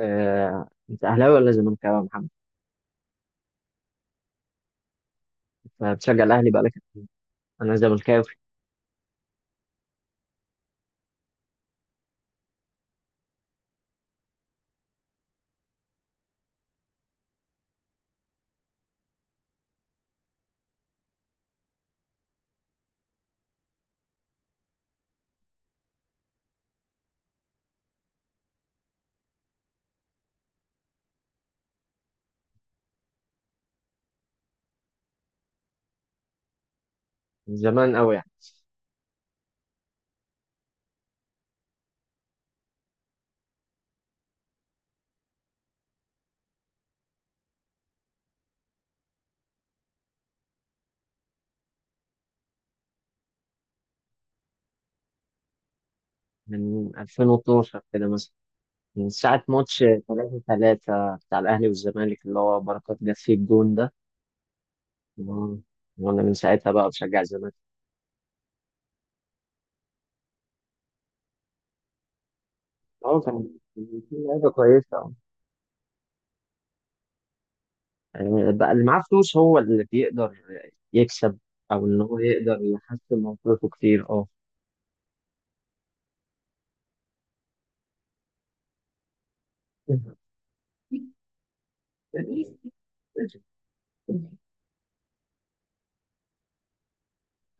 آه، انت اهلاوي ولا زملكاوي يا محمد؟ انت بتشجع الاهلي بقالك قد إيه؟ انا زملكاوي من زمان قوي يعني، من 2012 كده مثلا، من ساعة ماتش 3-3 بتاع الاهلي والزمالك اللي هو بركات جاب فيه الجون ده. و- وانا من ساعتها بقى بشجع الزمالك. اه، كان في لعيبة كويسة، اه. يعني بقى اللي معاه فلوس هو اللي بيقدر يكسب، او ان هو يقدر يحسن موقفه كتير، اه.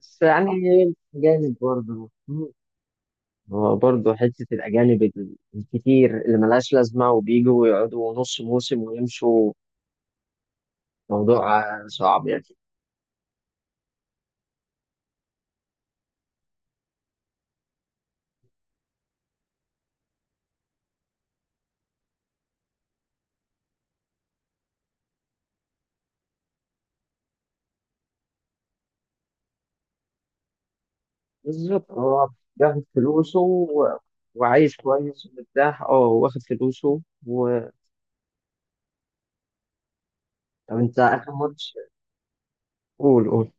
بس يعني جامد برضه. هو برضه حتة الأجانب الكتير اللي ملهاش لازمة وبيجوا ويقعدوا نص موسم ويمشوا، موضوع صعب يعني. بالظبط، هو بياخد فلوسه وعايش كويس ومرتاح، اه، واخد فلوسه و... طب أنت، آخر ماتش، قول قول.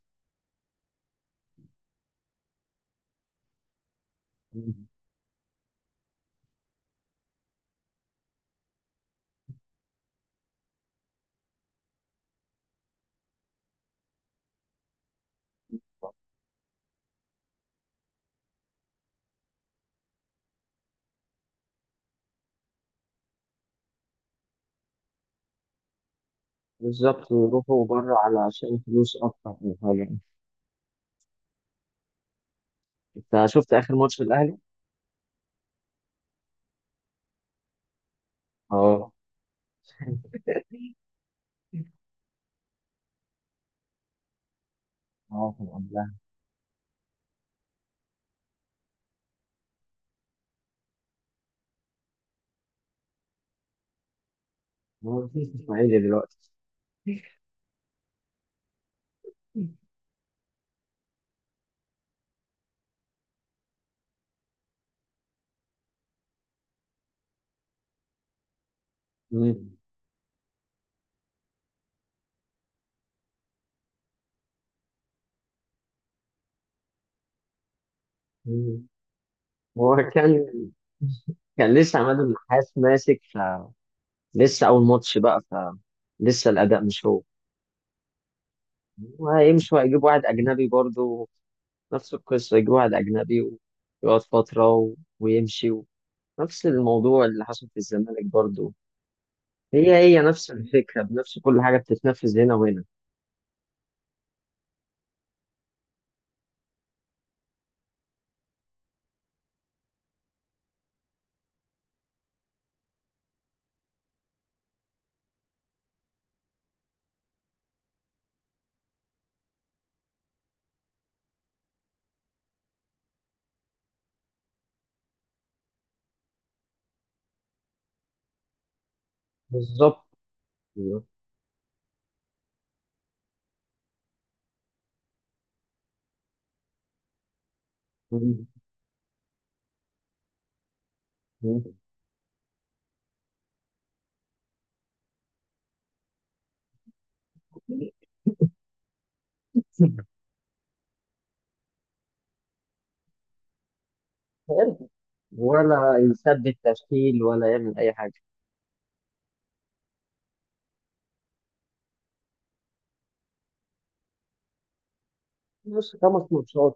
بالظبط، ويروحوا بره علشان فلوس أكتر من حاجة. أنت شفت آخر ماتش الأهلي؟ اه اه، كان قبلها. ما هو مفيش إسماعيلي دلوقتي. مم. مم. هو كان لسه عماد النحاس ماسك، فلسه أول ماتش بقى، فلسه الأداء مش هو. وهيمشوا، هيجيب واحد أجنبي برضو، نفس القصة، يجيب واحد أجنبي ويقعد فترة ويمشي. نفس الموضوع اللي حصل في الزمالك برضو. هي هي نفس الفكرة، بنفس كل حاجة بتتنفذ هنا وهنا. بالظبط، ولا يثبت تشكيل ولا يعمل أي حاجة. بس 5 ماتشات.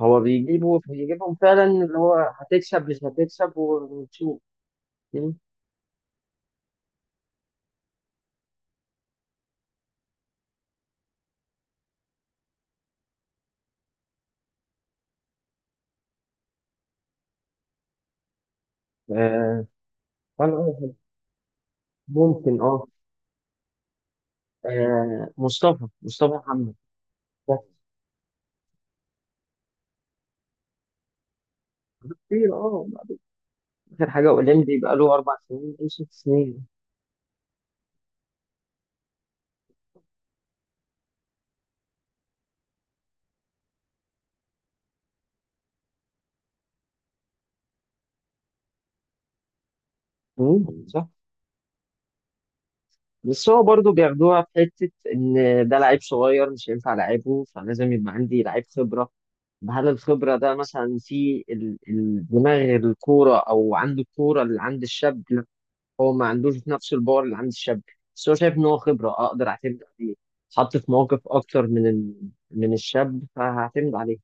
هو بيجيبهم فعلا، اللي هو هتكسب مش هتكسب ونشوف. مم. آه فأنا أقول ممكن، مصطفى محمد بس، كتير اه. آخر حاجة أولمبي بقى له 4 سنين أو 6 سنين. مم، صح، بس هو برضه بياخدوها في حتة إن ده لعيب صغير مش هينفع لعيبه، فلازم يبقى عندي لعيب خبرة. طب هل الخبرة ده مثلا في دماغ الكورة أو عند الكورة اللي عند الشاب؟ هو ما عندوش نفس الباور اللي عند الشاب، بس هو شايف ان هو خبره، اقدر اعتمد عليه. اتحط في مواقف اكتر من من الشاب، فهعتمد عليه.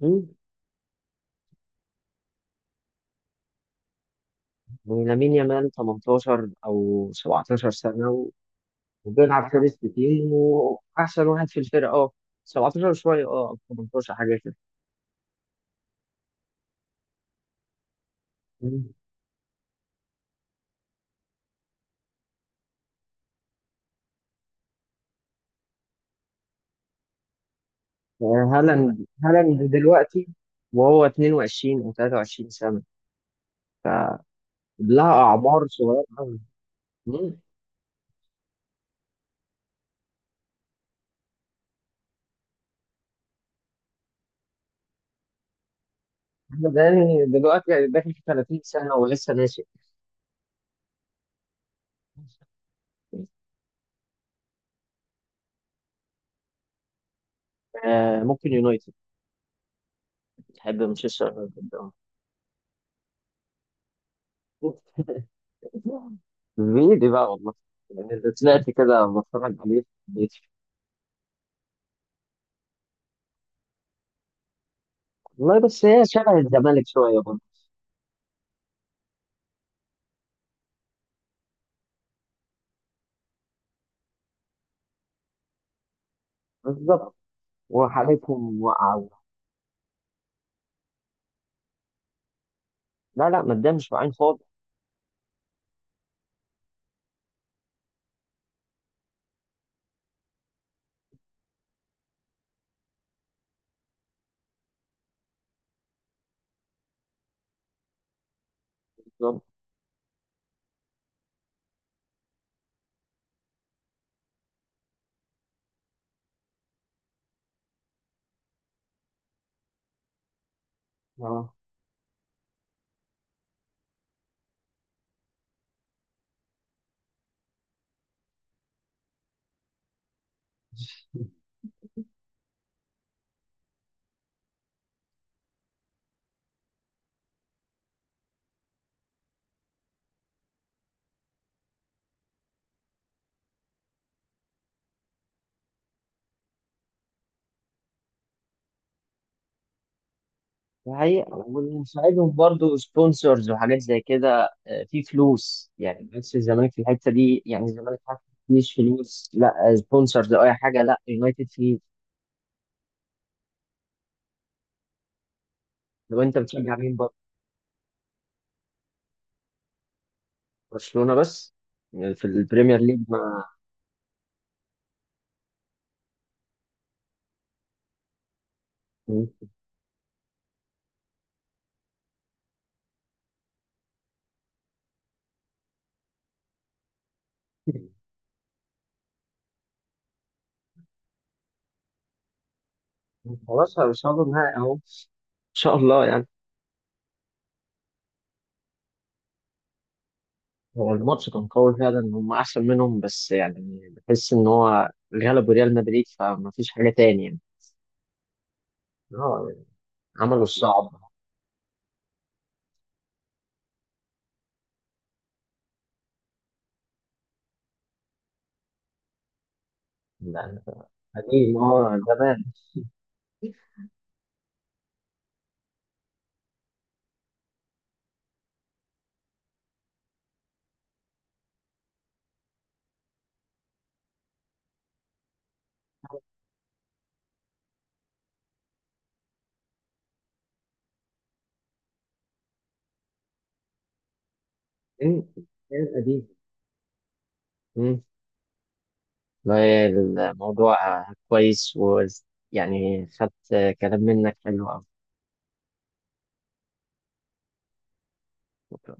مم. ولامين يامال 18 او 17 سنه، وبيلعب حارس في تيم واحسن واحد في الفرقه، اه. 17 شويه، اه، أو 18 حاجه كده. مم. هالاند دلوقتي، وهو 22 او 23 سنه، فلها اعمار صغيره قوي. أحمد هاني دلوقتي يعني داخل في 30 سنة ولسه ناشئ. آه، ممكن يونايتد، بحب مانشستر يونايتد أوي. بعيد بقى والله، يعني اللي طلعت كده بتفرج عليه في البيت. والله بس هي شبه الزمالك شوية برضه. بالظبط، وحالتهم واقعة. لا لا، ما تدامش بعين خالص. بالظبط، آه. الحقيقة ونساعدهم برضو سبونسرز وحاجات زي كده، في فلوس يعني. بس الزمالك في الحتة دي، يعني الزمالك حتى مفيش فلوس، لا سبونسرز أو أي حاجة، لا يونايتد فيه. لو أنت بتشجع مين برضه؟ برشلونة بس؟ يعني في البريمير ليج ما... خلاص هيوصلوا النهائي أهو، إن شاء الله يعني. هو الماتش كان قوي فعلا، هم أحسن منهم، بس يعني بحس إن هو غلبوا ريال مدريد فمفيش حاجة تاني يعني. اه يعني، عملوا الصعب. يعني، اه ده. مم. الحياة القديمة. مم. والله الموضوع كويس، ويعني خدت كلام منك حلو أوي